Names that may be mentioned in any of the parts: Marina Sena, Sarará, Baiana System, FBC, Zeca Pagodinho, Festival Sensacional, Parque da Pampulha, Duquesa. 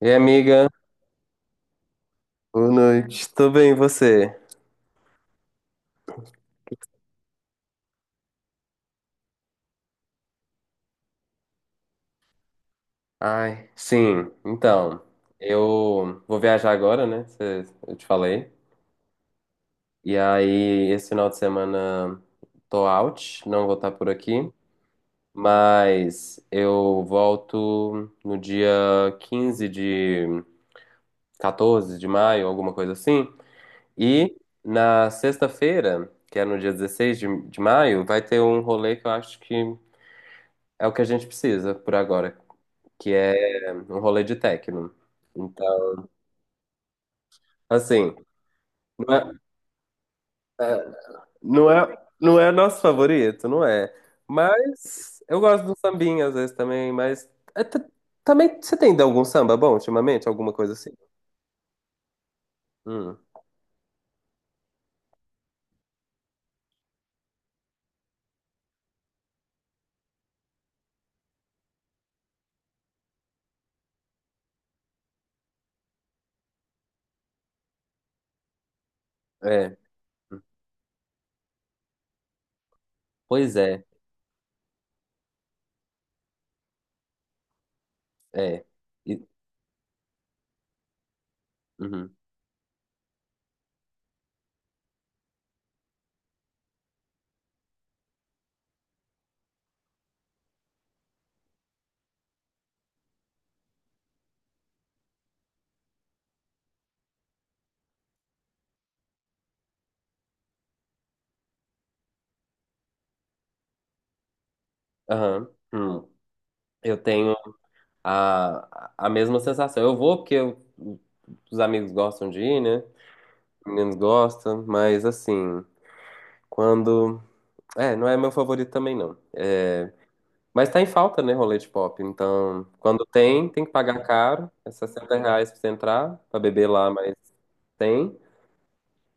E aí, amiga, boa noite. Tô bem, e você? Ai, sim. Então, eu vou viajar agora, né? Eu te falei. E aí, esse final de semana tô out, não vou estar por aqui, mas eu volto no dia 15 de 14 de maio, alguma coisa assim. E na sexta-feira, que é no dia 16 de maio, vai ter um rolê que eu acho que é o que a gente precisa por agora. Que é um rolê de techno. Então, assim, não é, é, não é nosso favorito, não é. Mas eu gosto do sambinha às vezes também, mas é t- também você tem ido algum samba bom ultimamente, alguma coisa assim? Hum, é. Pois é, é. E- uhum, aham, hum. Eu tenho a mesma sensação. Eu vou porque os amigos gostam de ir, né? Os meninos gostam, mas assim, quando é, não é meu favorito também, não. É, mas tá em falta, né, rolete pop. Então, quando tem, tem que pagar caro. É R$ 60 pra você entrar, pra beber lá, mas tem.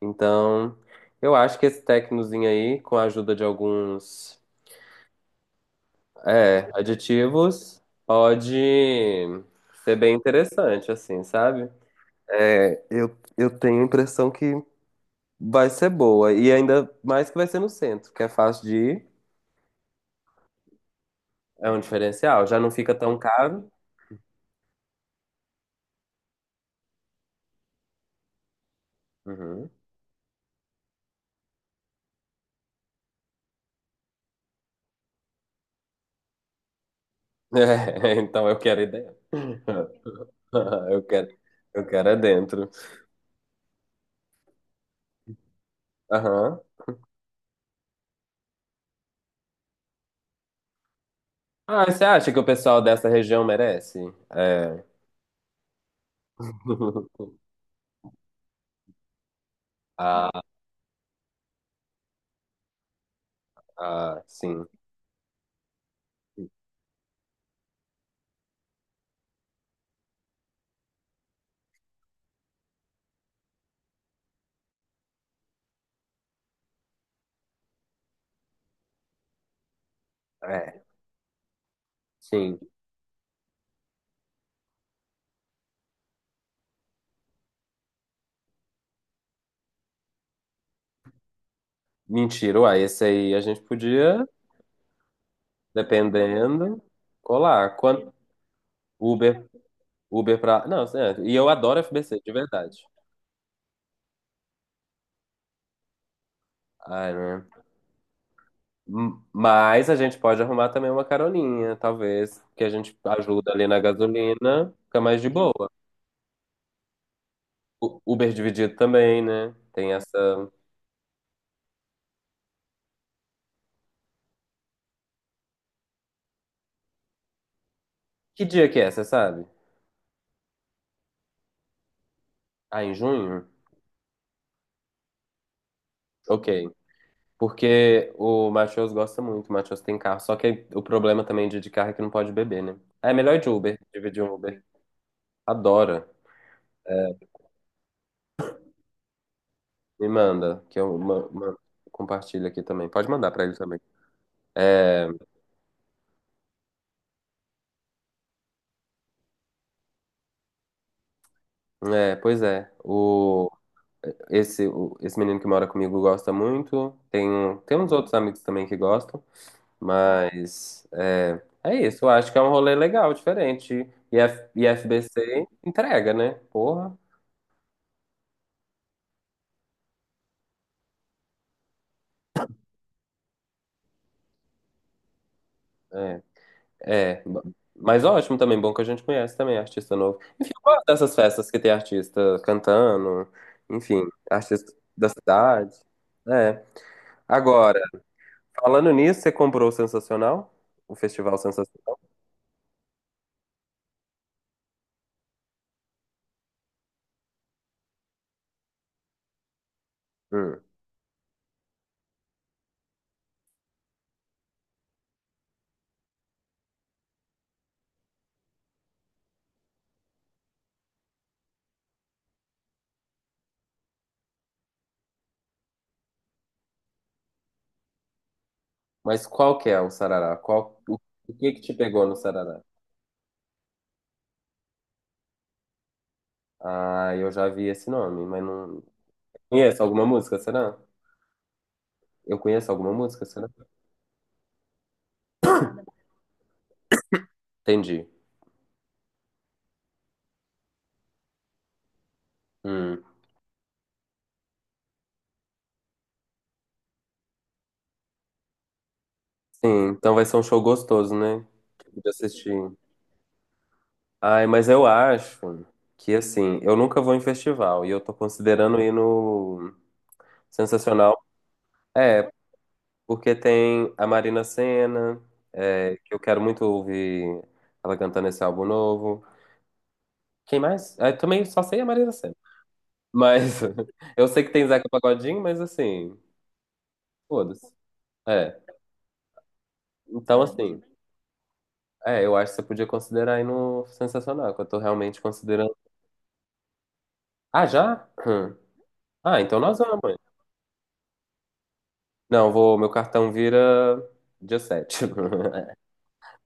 Então, eu acho que esse tecnozinho aí, com a ajuda de alguns, aditivos, pode ser bem interessante, assim, sabe? É, eu tenho a impressão que vai ser boa. E ainda mais que vai ser no centro, que é fácil de ir. É um diferencial. Já não fica tão caro. Uhum. É, então eu quero é dentro. Eu quero, eu quero é dentro. Aham. Ah, você acha que o pessoal dessa região merece? É. Ah, ah, sim. É, sim. Mentira, uai, esse aí a gente podia, dependendo, colar. Quanto Uber, Uber pra. Não, certo. E eu adoro FBC, de verdade. Ai, né? Mas a gente pode arrumar também uma caroninha, talvez, que a gente ajuda ali na gasolina, fica mais de boa. Uber dividido também, né? Tem essa. Que dia que é, você sabe? Ah, em junho? Ok. Porque o Matheus gosta muito, o Matheus tem carro. Só que o problema também de carro é que não pode beber, né? Ah, é melhor ir de Uber, dividir um Uber. Adora. Me manda, que eu compartilho aqui também. Pode mandar pra ele também. É, é, pois é. Esse menino que mora comigo gosta muito. Tem uns outros amigos também que gostam. Mas é, é isso, eu acho que é um rolê legal, diferente. E FBC entrega, né? Porra. É, é. Mas ótimo também, bom que a gente conhece também artista novo. Enfim, eu gosto dessas festas que tem artista cantando, enfim, artista da cidade. É. Agora, falando nisso, você comprou o Sensacional? O Festival Sensacional? Hum. Mas qual que é o Sarará? O que que te pegou no Sarará? Ah, eu já vi esse nome, mas não. Conheço alguma música, será? Eu conheço alguma música, será? Entendi. Hum. Sim, então vai ser um show gostoso, né? De assistir. Ai, mas eu acho que assim, eu nunca vou em festival e eu tô considerando ir no Sensacional. É, porque tem a Marina Sena, que eu quero muito ouvir ela cantando esse álbum novo. Quem mais? Ah, eu também só sei a Marina Sena. Mas eu sei que tem Zeca Pagodinho, mas assim, foda-se. É. Então, assim. É, eu acho que você podia considerar aí no Sensacional, que eu tô realmente considerando. Ah, já? Hum. Ah, então nós vamos. Não, vou, meu cartão vira dia 7.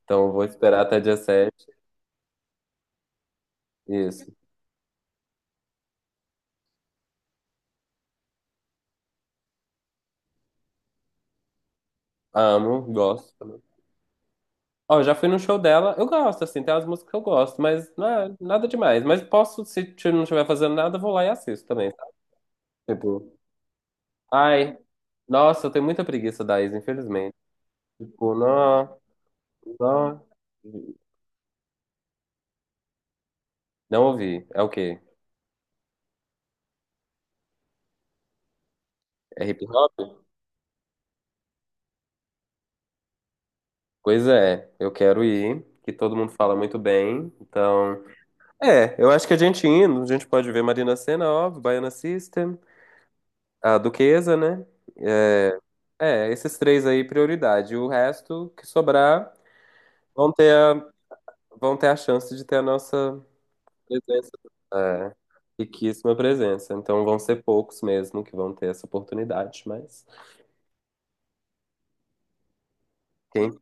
Então eu vou esperar até dia 7. Isso. Amo, gosto. Ó, eu já fui no show dela. Eu gosto, assim, tem umas músicas que eu gosto, mas não é nada demais. Mas posso, se t- não estiver fazendo nada, eu vou lá e assisto também, sabe? Tipo, ai, nossa, eu tenho muita preguiça da Isa, infelizmente. Tipo, não, não, não ouvi. É o quê? É hip hop? Pois é, eu quero ir, que todo mundo fala muito bem. Então, eu acho que a gente indo, a gente pode ver Marina Sena, óbvio, Baiana System, a Duquesa, né? É, é, esses três aí, prioridade. O resto que sobrar vão ter a, vão ter a chance de ter a nossa presença, é, riquíssima presença. Então vão ser poucos mesmo que vão ter essa oportunidade, mas quem?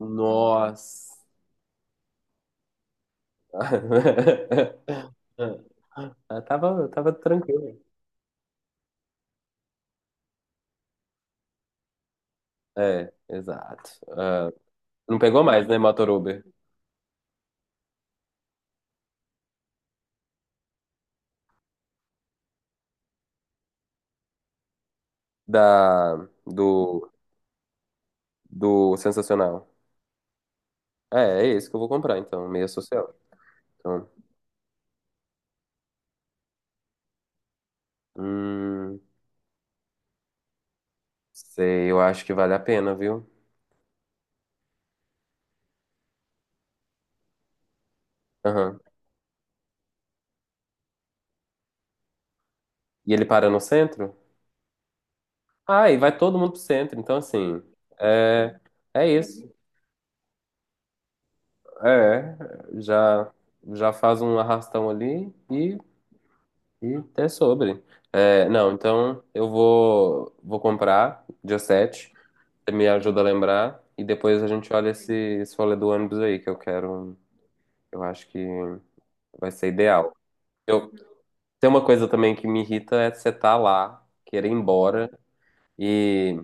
Nossa! Ah, eu tava tranquilo. É, exato. Ah, não pegou mais, né, Motor Uber? Da, do, do Sensacional. É, é esse que eu vou comprar, então, meia social. Então, hum, sei, eu acho que vale a pena, viu? Aham. E ele para no centro? Ah, e vai todo mundo pro centro, então, assim, é, é isso. É, já, já faz um arrastão ali e é sobre. É, não, então eu vou, comprar dia 7. Você me ajuda a lembrar e depois a gente olha esse rolê do ônibus aí, que eu quero. Eu acho que vai ser ideal. Eu, Tem uma coisa também que me irrita é você tá lá, querer ir embora e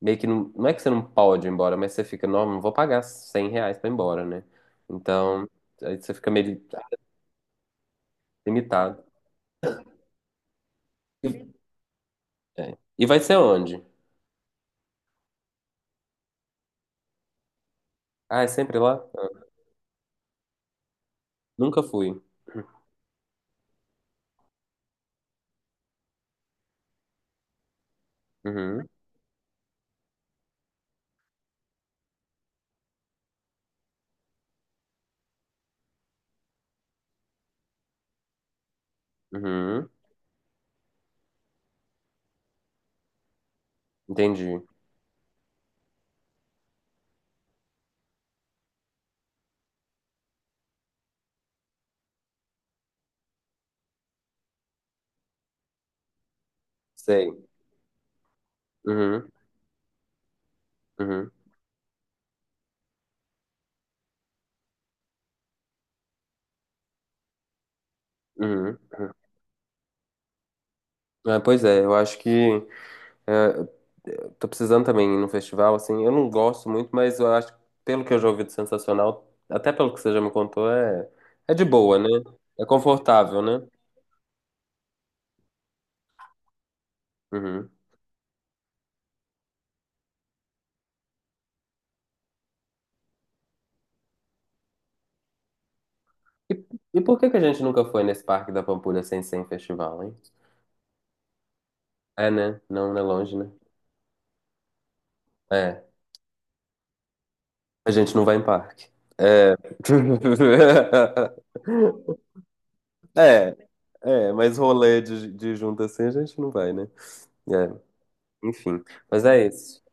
meio que não, não é que você não pode ir embora, mas você fica, não, não vou pagar 100 reais pra ir embora, né? Então, aí você fica meio limitado. E, É. E vai ser onde? Ah, é sempre lá? Nunca fui. Uhum, uhum, entendi. Sei. Uhum, uhum, uhum, uhum. É, pois é, eu acho que é, eu tô precisando também ir num festival, assim, eu não gosto muito, mas eu acho, pelo que eu já ouvi do Sensacional, até pelo que você já me contou, é, é de boa, né? É confortável, né? Uhum. E, e por que que a gente nunca foi nesse Parque da Pampulha sem ser em festival, hein? É, né? Não, não é longe, né? É, a gente não vai em parque. É. É, é, mas rolê de junto assim a gente não vai, né? É, enfim, mas é isso.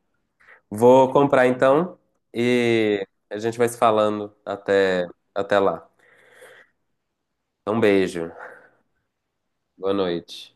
Vou comprar então e a gente vai se falando até lá. Um beijo. Boa noite.